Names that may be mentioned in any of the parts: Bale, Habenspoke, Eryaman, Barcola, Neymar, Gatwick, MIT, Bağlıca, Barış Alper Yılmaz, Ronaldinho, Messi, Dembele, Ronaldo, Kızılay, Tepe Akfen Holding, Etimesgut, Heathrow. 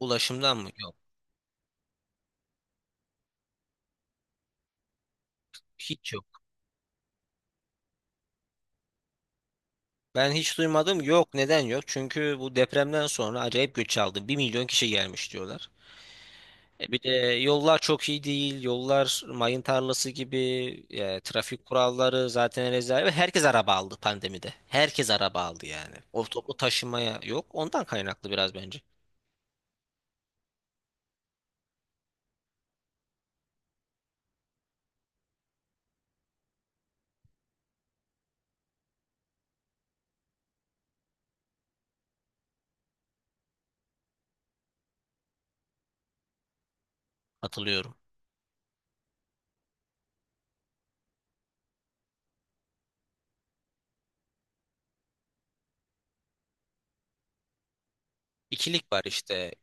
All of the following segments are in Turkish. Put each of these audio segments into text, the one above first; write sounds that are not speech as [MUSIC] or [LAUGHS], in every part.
Ulaşımdan mı? Yok. Hiç yok. Ben hiç duymadım. Yok. Neden yok? Çünkü bu depremden sonra acayip göç aldı. 1 milyon kişi gelmiş diyorlar. E bir de yollar çok iyi değil. Yollar mayın tarlası gibi. Trafik kuralları zaten rezalet. Ve herkes araba aldı pandemide. Herkes araba aldı yani. O toplu taşımaya yok. Ondan kaynaklı biraz bence. Hatırlıyorum. İkilik var işte.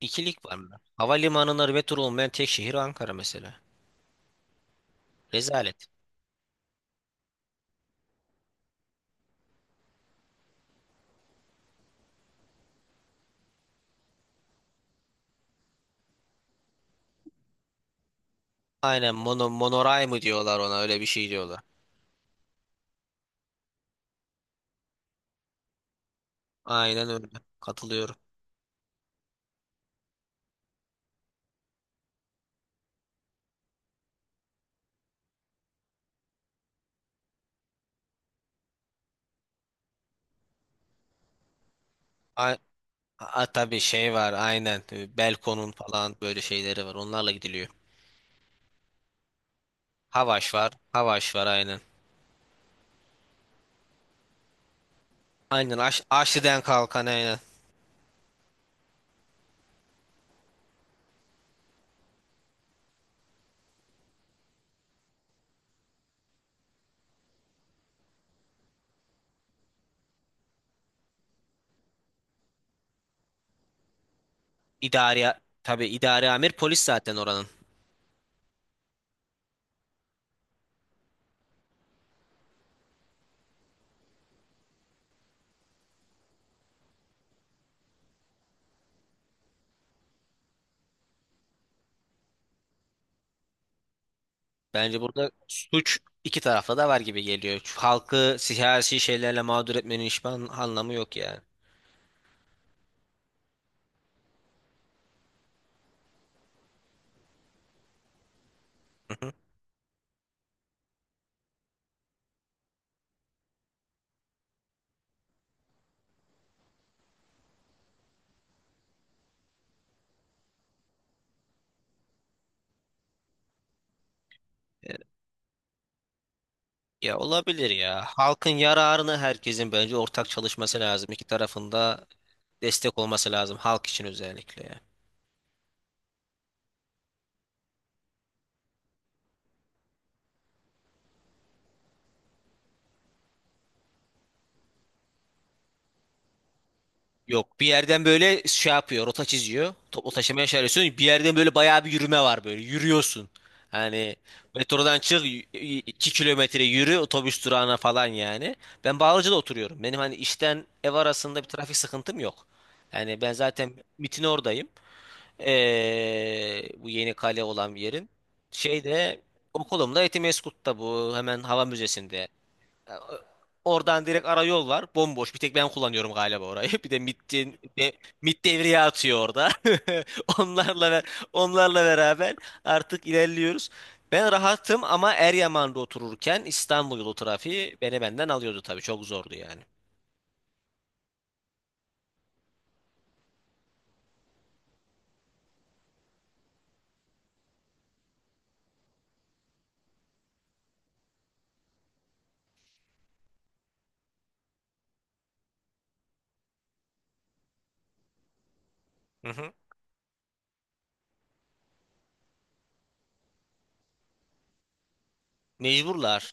İkilik var mı? Havalimanına metro olmayan tek şehir Ankara mesela. Rezalet. Aynen monoray mı diyorlar, ona öyle bir şey diyorlar. Aynen öyle. Katılıyorum. A, a, tabii şey var aynen. Belko'nun falan böyle şeyleri var. Onlarla gidiliyor. Havaş var. Havaş var aynen. Aynen Aşli'den kalkan aynen. İdari tabii idari amir polis zaten oranın. Bence burada suç iki tarafta da var gibi geliyor. Şu halkı siyasi şeylerle mağdur etmenin hiçbir anlamı yok yani. Hı hı. E, ya olabilir ya. Halkın yararını herkesin bence ortak çalışması lazım. İki tarafında destek olması lazım. Halk için özellikle, ya. Yok, bir yerden böyle şey yapıyor, rota çiziyor. Toplu taşımaya çağırıyorsun. Bir yerden böyle bayağı bir yürüme var böyle. Yürüyorsun. Hani metrodan çık, 2 kilometre yürü otobüs durağına falan yani. Ben Bağlıca'da oturuyorum. Benim hani işten ev arasında bir trafik sıkıntım yok. Yani ben zaten MIT'in oradayım. Bu yeni kale olan bir yerin. Şeyde, okulumda Etimesgut'ta, bu hemen hava müzesinde. Ee, Oradan direkt ara yol var. Bomboş. Bir tek ben kullanıyorum galiba orayı. [LAUGHS] Bir de MIT'in de, MIT devreye atıyor orada. [LAUGHS] Onlarla onlarla beraber artık ilerliyoruz. Ben rahatım ama Eryaman'da otururken İstanbul yolu trafiği beni benden alıyordu tabii. Çok zordu yani. Hı hı. Mecburlar.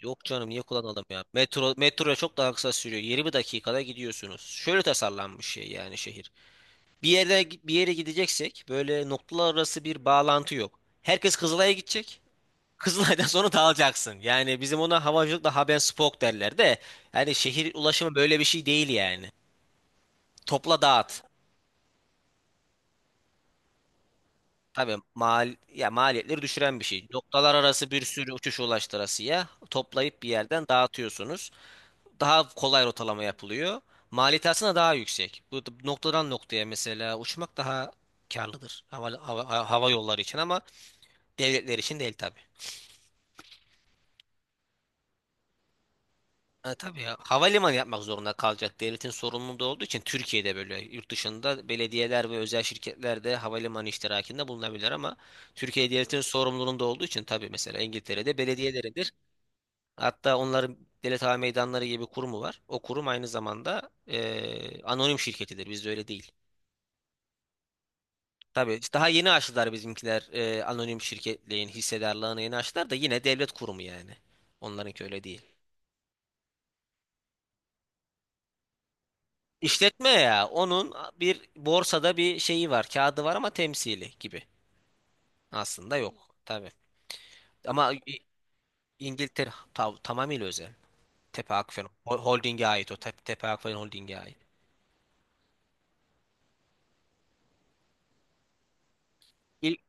Yok canım, niye kullanalım ya? Metro, metroya çok daha kısa sürüyor. 20 dakikada gidiyorsunuz. Şöyle tasarlanmış şey, yani şehir. Bir yere gideceksek böyle noktalar arası bir bağlantı yok. Herkes Kızılay'a gidecek. Kızılay'dan [LAUGHS] sonra dağılacaksın. Yani bizim ona havacılıkla Habenspoke derler de, yani şehir ulaşımı böyle bir şey değil yani. Topla dağıt. Tabii mal ya, maliyetleri düşüren bir şey. Noktalar arası bir sürü uçuş, ulaştırasıya toplayıp bir yerden dağıtıyorsunuz. Daha kolay rotalama yapılıyor. Maliyeti aslında daha yüksek. Bu noktadan noktaya mesela uçmak daha karlıdır hava yolları için ama devletler için değil tabii. Ha, tabii ya. Havalimanı yapmak zorunda kalacak. Devletin sorumluluğu olduğu için Türkiye'de, böyle, yurt dışında belediyeler ve özel şirketler de havalimanı iştirakinde bulunabilir ama Türkiye devletin sorumluluğunda olduğu için, tabii, mesela İngiltere'de belediyeleridir. Hatta onların devlet hava meydanları gibi kurumu var. O kurum aynı zamanda anonim şirketidir. Bizde öyle değil. Tabii işte daha yeni açtılar bizimkiler, anonim şirketliğin hissedarlığını yeni açtılar da yine devlet kurumu yani. Onlarınki öyle değil. İşletme ya. Onun bir borsada bir şeyi var. Kağıdı var ama temsili gibi. Aslında yok. Tabii. Ama İngiltere tamamıyla özel. Tepe Akfen Holding'e ait o. Tepe Akfen Holding'e ait. İlk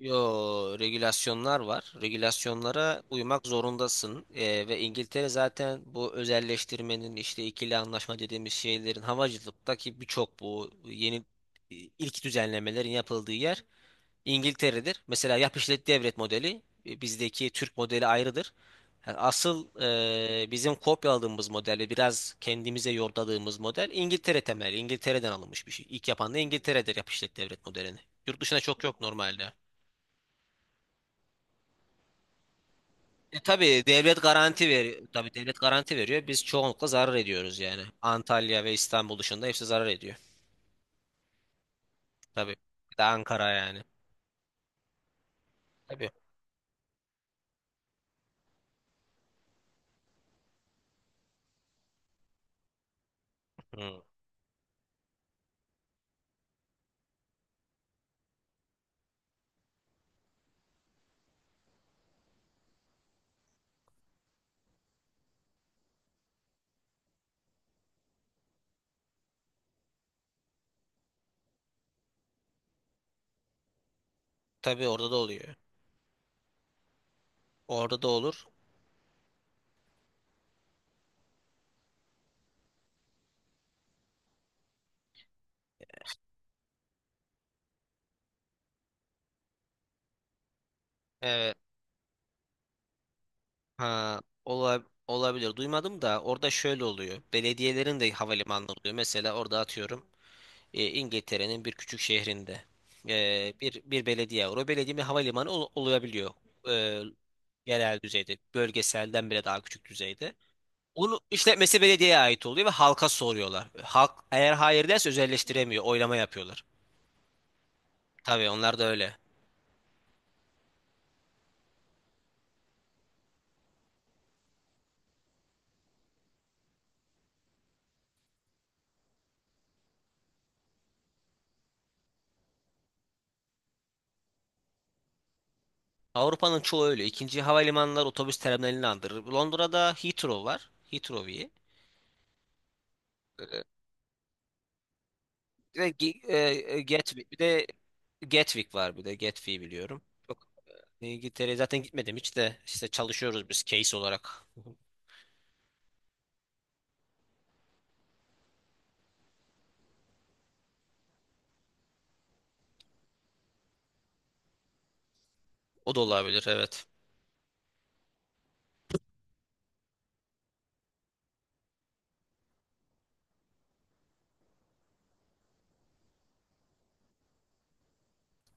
Yo, regülasyonlar var. Regülasyonlara uymak zorundasın. Ve İngiltere zaten bu özelleştirmenin, işte ikili anlaşma dediğimiz şeylerin, havacılıktaki birçok bu yeni ilk düzenlemelerin yapıldığı yer İngiltere'dir. Mesela yap işlet devret modeli, bizdeki Türk modeli ayrıdır. Yani asıl, bizim kopyaladığımız model ve biraz kendimize yordadığımız model İngiltere temelli. İngiltere'den alınmış bir şey. İlk yapan da İngiltere'dir yap işlet devret modelini. Yurt dışına çok yok normalde. E, tabii devlet garanti veriyor. Tabii devlet garanti veriyor. Biz çoğunlukla zarar ediyoruz yani. Antalya ve İstanbul dışında hepsi zarar ediyor. Tabii. Bir de Ankara yani. Tabii. Hı. Tabii orada da oluyor. Orada da olur. Evet. Ha, olabilir. Duymadım da, orada şöyle oluyor. Belediyelerin de havalimanı oluyor. Mesela orada atıyorum, İngiltere'nin bir küçük şehrinde, bir belediye var. O belediye bir havalimanı olabiliyor. E, Yerel düzeyde, bölgeselden bile daha küçük düzeyde. Onu işletmesi belediyeye ait oluyor ve halka soruyorlar. Halk eğer hayır derse özelleştiremiyor. Oylama yapıyorlar. Tabii, onlar da öyle. Avrupa'nın çoğu öyle. İkinci havalimanları otobüs terminalini andırır. Londra'da Heathrow var. Heathrow. İyi. Ve Gatwick, bir de Gatwick var, bir de Gatwick'i biliyorum. Yok, İngiltere'ye zaten gitmedim hiç de, işte çalışıyoruz biz case olarak. O da olabilir, evet.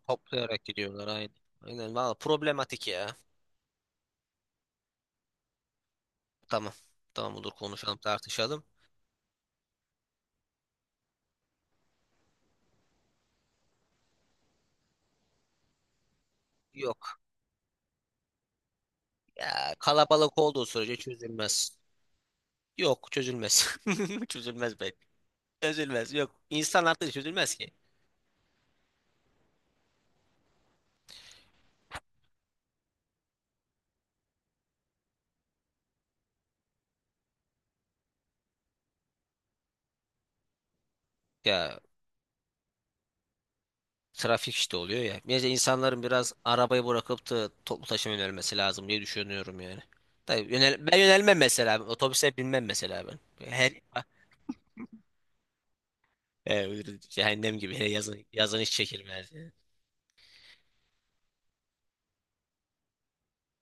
Toplayarak gidiyorlar aynen. Aynen, valla problematik ya. Tamam. Tamam, olur, konuşalım, tartışalım. Yok ya, kalabalık olduğu sürece çözülmez. Yok, çözülmez. [LAUGHS] Çözülmez belki. Çözülmez, yok. İnsan hakları çözülmez ki. Ya, trafik işte oluyor ya. Bence insanların biraz arabayı bırakıp da toplu taşıma yönelmesi lazım diye düşünüyorum yani. Tabii yönel, ben yönelmem mesela. Otobüse binmem mesela ben. Her [LAUGHS] cehennem gibi, hele yazın, yazın hiç çekilmez yani.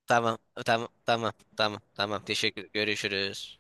Tamam, tamam, tamam, tamam, tamam. Teşekkür. Görüşürüz.